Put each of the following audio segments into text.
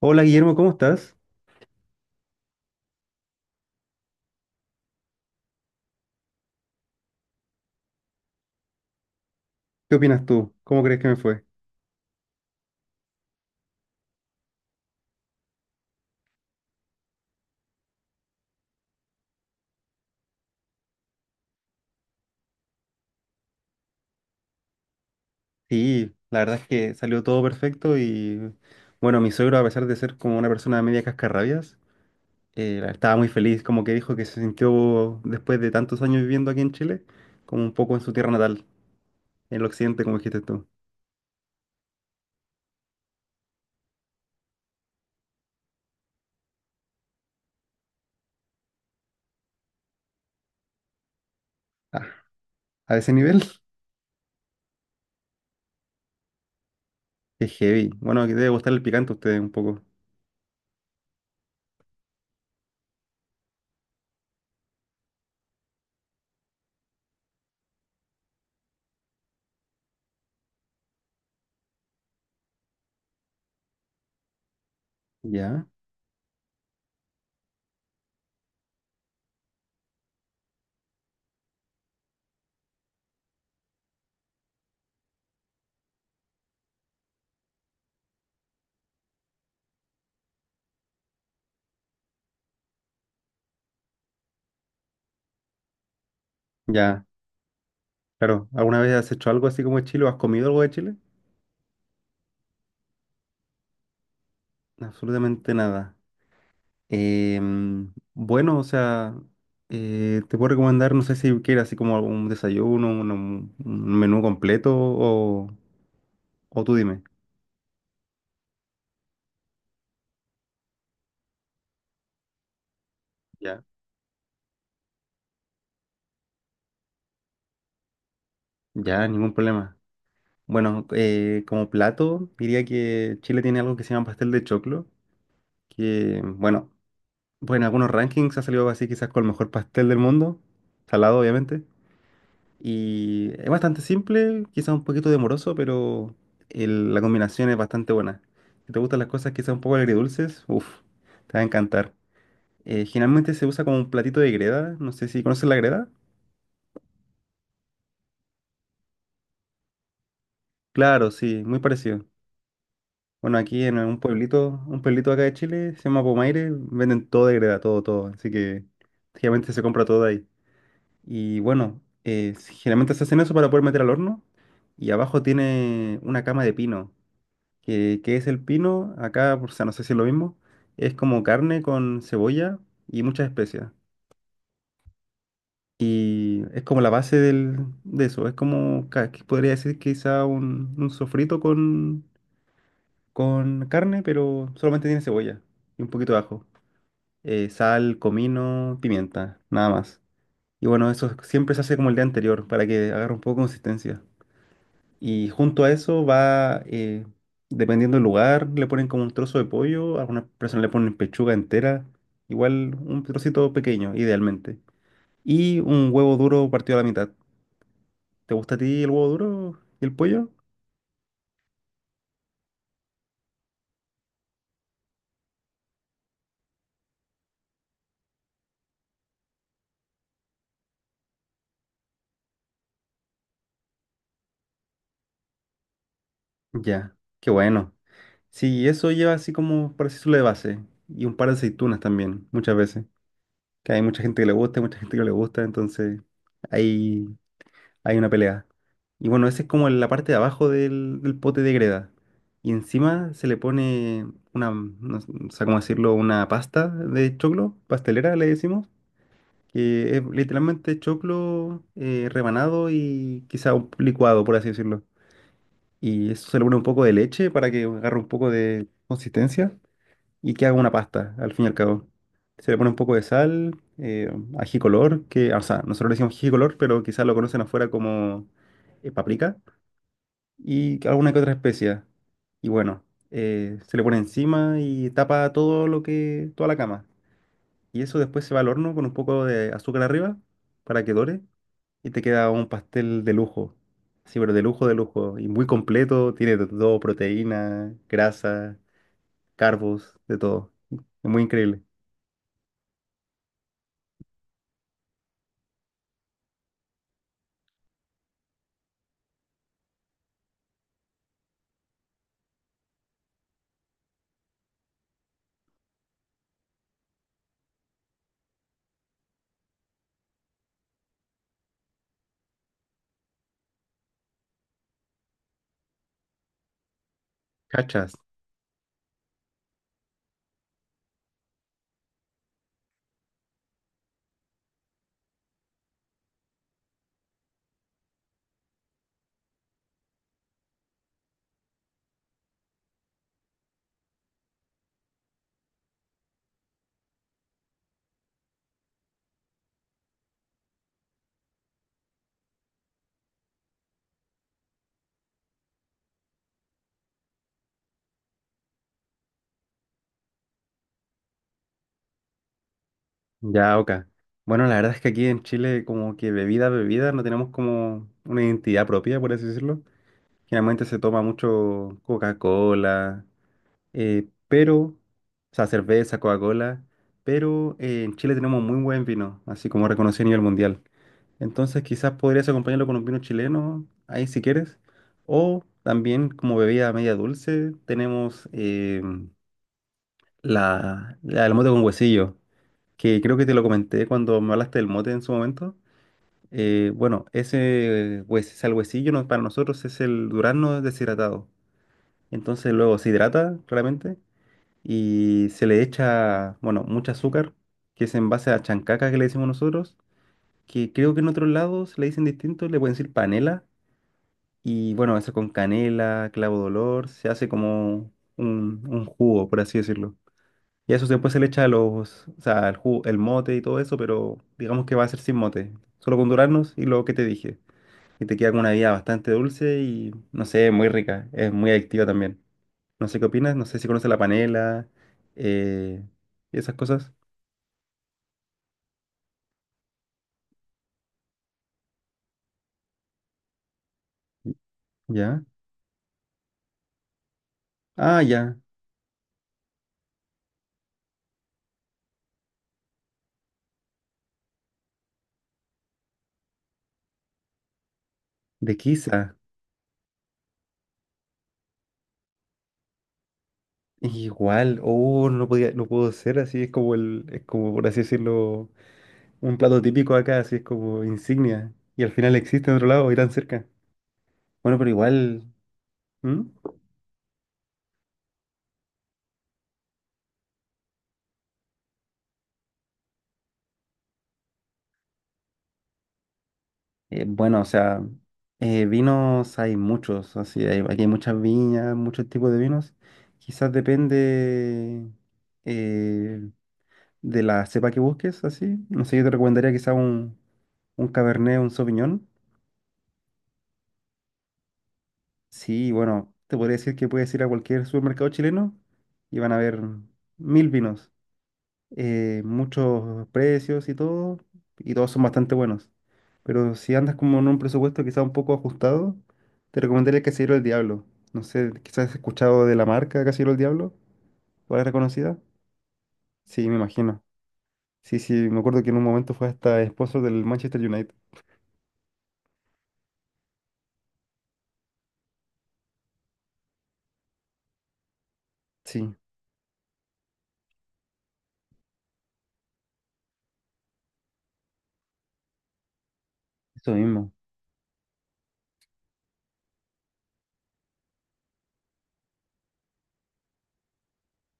Hola, Guillermo, ¿cómo estás? ¿Qué opinas tú? ¿Cómo crees que me fue? Sí, la verdad es que salió todo perfecto y bueno, mi suegro, a pesar de ser como una persona media cascarrabias, estaba muy feliz, como que dijo que se sintió después de tantos años viviendo aquí en Chile, como un poco en su tierra natal, en el occidente, como dijiste tú. Ah, a ese nivel, es heavy. Bueno, que debe gustar el picante a ustedes un poco. Ya, ya, claro. ¿Alguna vez has hecho algo así como de Chile o has comido algo de Chile? Absolutamente nada. Bueno, o sea, te puedo recomendar, no sé si quieres así como un desayuno, un menú completo o tú dime. Ya. Ya, ningún problema. Bueno, como plato, diría que Chile tiene algo que se llama pastel de choclo, que, bueno, pues en algunos rankings ha salido así quizás con el mejor pastel del mundo, salado obviamente. Y es bastante simple, quizás un poquito demoroso, pero la combinación es bastante buena. Si te gustan las cosas quizás un poco agridulces, uff, te va a encantar. Generalmente se usa como un platito de greda, no sé si conoces la greda. Claro, sí, muy parecido. Bueno, aquí en un pueblito acá de Chile, se llama Pomaire, venden todo de greda, todo, todo. Así que generalmente se compra todo de ahí. Y bueno, generalmente se hacen eso para poder meter al horno. Y abajo tiene una cama de pino. Que es el pino, acá, o sea, no sé si es lo mismo, es como carne con cebolla y muchas especias. Y es como la base del, de eso, es como, que podría decir quizá un sofrito con carne, pero solamente tiene cebolla y un poquito de ajo, sal, comino, pimienta, nada más. Y bueno, eso siempre se hace como el día anterior para que agarre un poco de consistencia. Y junto a eso va, dependiendo del lugar, le ponen como un trozo de pollo, algunas personas le ponen pechuga entera, igual un trocito pequeño, idealmente. Y un huevo duro partido a la mitad. ¿Te gusta a ti el huevo duro y el pollo? Ya, qué bueno. Sí, eso lleva así como para decirlo de base. Y un par de aceitunas también, muchas veces. Que hay mucha gente que le gusta y mucha gente que no le gusta, entonces ahí hay una pelea. Y bueno, esa es como la parte de abajo del, del pote de greda. Y encima se le pone una, no sé cómo decirlo, una pasta de choclo, pastelera le decimos, que es literalmente choclo rebanado y quizá un licuado, por así decirlo. Y eso se le pone un poco de leche para que agarre un poco de consistencia y que haga una pasta, al fin y al cabo. Se le pone un poco de sal, ají color, que, o sea, nosotros le decimos ají color, pero quizás lo conocen afuera como paprika, y alguna que otra especia. Y bueno, se le pone encima y tapa todo lo que, toda la cama. Y eso después se va al horno con un poco de azúcar arriba para que dore y te queda un pastel de lujo. Sí, pero de lujo, de lujo. Y muy completo, tiene de todo, proteína, grasa, carbos, de todo. Es muy increíble. Cachas. Ya, oka. Bueno, la verdad es que aquí en Chile como que bebida, bebida, no tenemos como una identidad propia, por así decirlo. Generalmente se toma mucho Coca-Cola, pero, o sea, cerveza, Coca-Cola, pero en Chile tenemos muy buen vino, así como reconocido a nivel mundial. Entonces quizás podrías acompañarlo con un vino chileno, ahí si quieres. O también como bebida media dulce tenemos el mote con huesillo. Que creo que te lo comenté cuando me hablaste del mote en su momento. Bueno, ese pues, salhuecillo no- para nosotros es el durazno deshidratado. Entonces luego se hidrata claramente y se le echa, bueno, mucho azúcar, que es en base a chancaca que le decimos nosotros, que creo que en otros lados le dicen distinto, le pueden decir panela. Y bueno, eso con canela, clavo de olor, se hace como un jugo, por así decirlo. Y a eso después se le echa los, o sea, el mote y todo eso, pero digamos que va a ser sin mote, solo con duraznos y lo que te dije. Y te queda con una bebida bastante dulce y, no sé, muy rica, es muy adictiva también. No sé qué opinas, no sé si conoces la panela, eh, y esas cosas. ¿Ya? Ah, ya, de quizá. Igual, oh, no podía, no puedo ser así, es como el, es como por así decirlo, un plato típico acá, así es como insignia. Y al final existe en otro lado y tan cerca. Bueno, pero igual. ¿Mm? Bueno, o sea, vinos hay muchos, así hay, aquí hay muchas viñas, muchos tipos de vinos. Quizás depende eh, de la cepa que busques, así. No sé, yo te recomendaría quizás un Cabernet, un Sauvignon. Sí, bueno, te podría decir que puedes ir a cualquier supermercado chileno y van a ver mil vinos. Eh, muchos precios y todo, y todos son bastante buenos. Pero si andas como en un presupuesto quizá un poco ajustado, te recomendaría el Casillero del Diablo. No sé, quizás has escuchado de la marca Casillero del Diablo, ¿cuál es reconocida? Sí, me imagino. Sí, sí, me acuerdo que en un momento fue hasta esposo del Manchester United. Sí, eso mismo,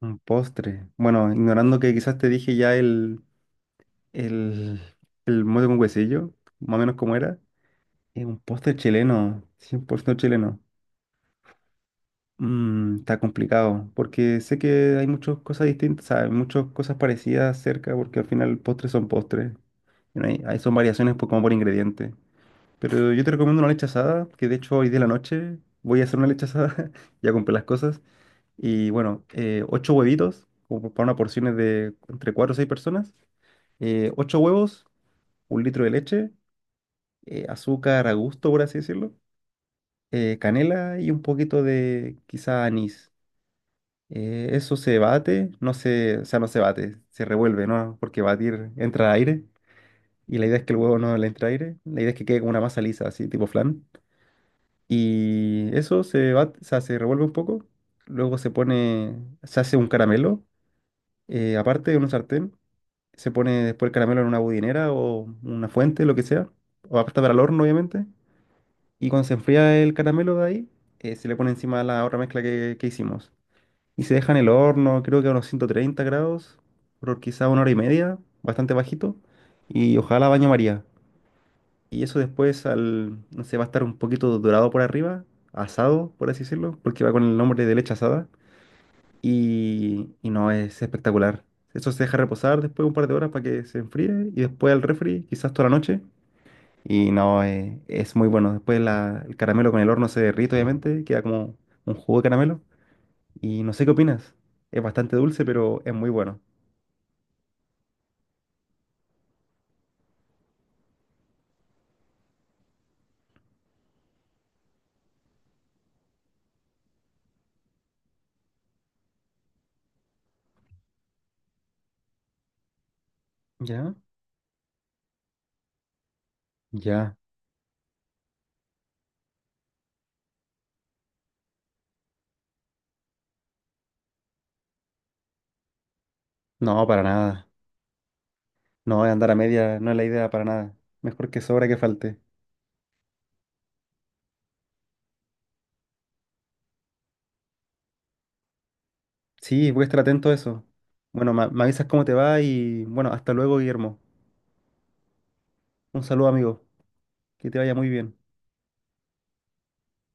un postre. Bueno, ignorando que quizás te dije ya el, el mote con huesillo, más o menos como era, es un postre chileno, 100% chileno. Mm, está complicado, porque sé que hay muchas cosas distintas, o sea, hay muchas cosas parecidas cerca, porque al final postres son postres. Y no hay- hay- son variaciones por, como por ingrediente. Pero yo te recomiendo una leche asada, que de hecho hoy de la noche voy a hacer una leche asada, ya compré las cosas. Y bueno, 8 huevitos, como para una porción de entre 4 o 6 personas. Eh, ocho huevos, 1 litro de leche, azúcar a gusto, por así decirlo. Eh, canela y un poquito de quizá anís. Eso se bate, no se, o sea, no se bate, se revuelve, ¿no? Porque batir entra aire y la idea es que el huevo no le entre aire, la idea es que quede como una masa lisa, así, tipo flan. Y eso se bate, o sea, se revuelve un poco, luego se pone, se hace un caramelo, aparte de un sartén, se pone después el caramelo en una budinera o una fuente, lo que sea, o aparte para el horno, obviamente. Y cuando se enfría el caramelo de ahí, se le pone encima la otra mezcla que hicimos. Y se deja en el horno, creo que a unos 130 grados, por quizá una hora y media, bastante bajito. Y ojalá baño María. Y eso después al, no sé, va a estar un poquito dorado por arriba, asado, por así decirlo, porque va con el nombre de leche asada. Y no, es espectacular. Eso se deja reposar después un par de horas para que se enfríe y después al refri, quizás toda la noche. Y no, es muy bueno. Después el caramelo con el horno se derrite, obviamente, queda como un jugo de caramelo. Y no sé qué opinas. Es bastante dulce, pero es muy bueno. ¿Ya? Ya. No, para nada. No, andar a media no es la idea para nada. Mejor que sobra que falte. Sí, voy a estar atento a eso. Bueno, me avisas cómo te va y bueno, hasta luego, Guillermo. Un saludo, amigo. Que te vaya muy bien.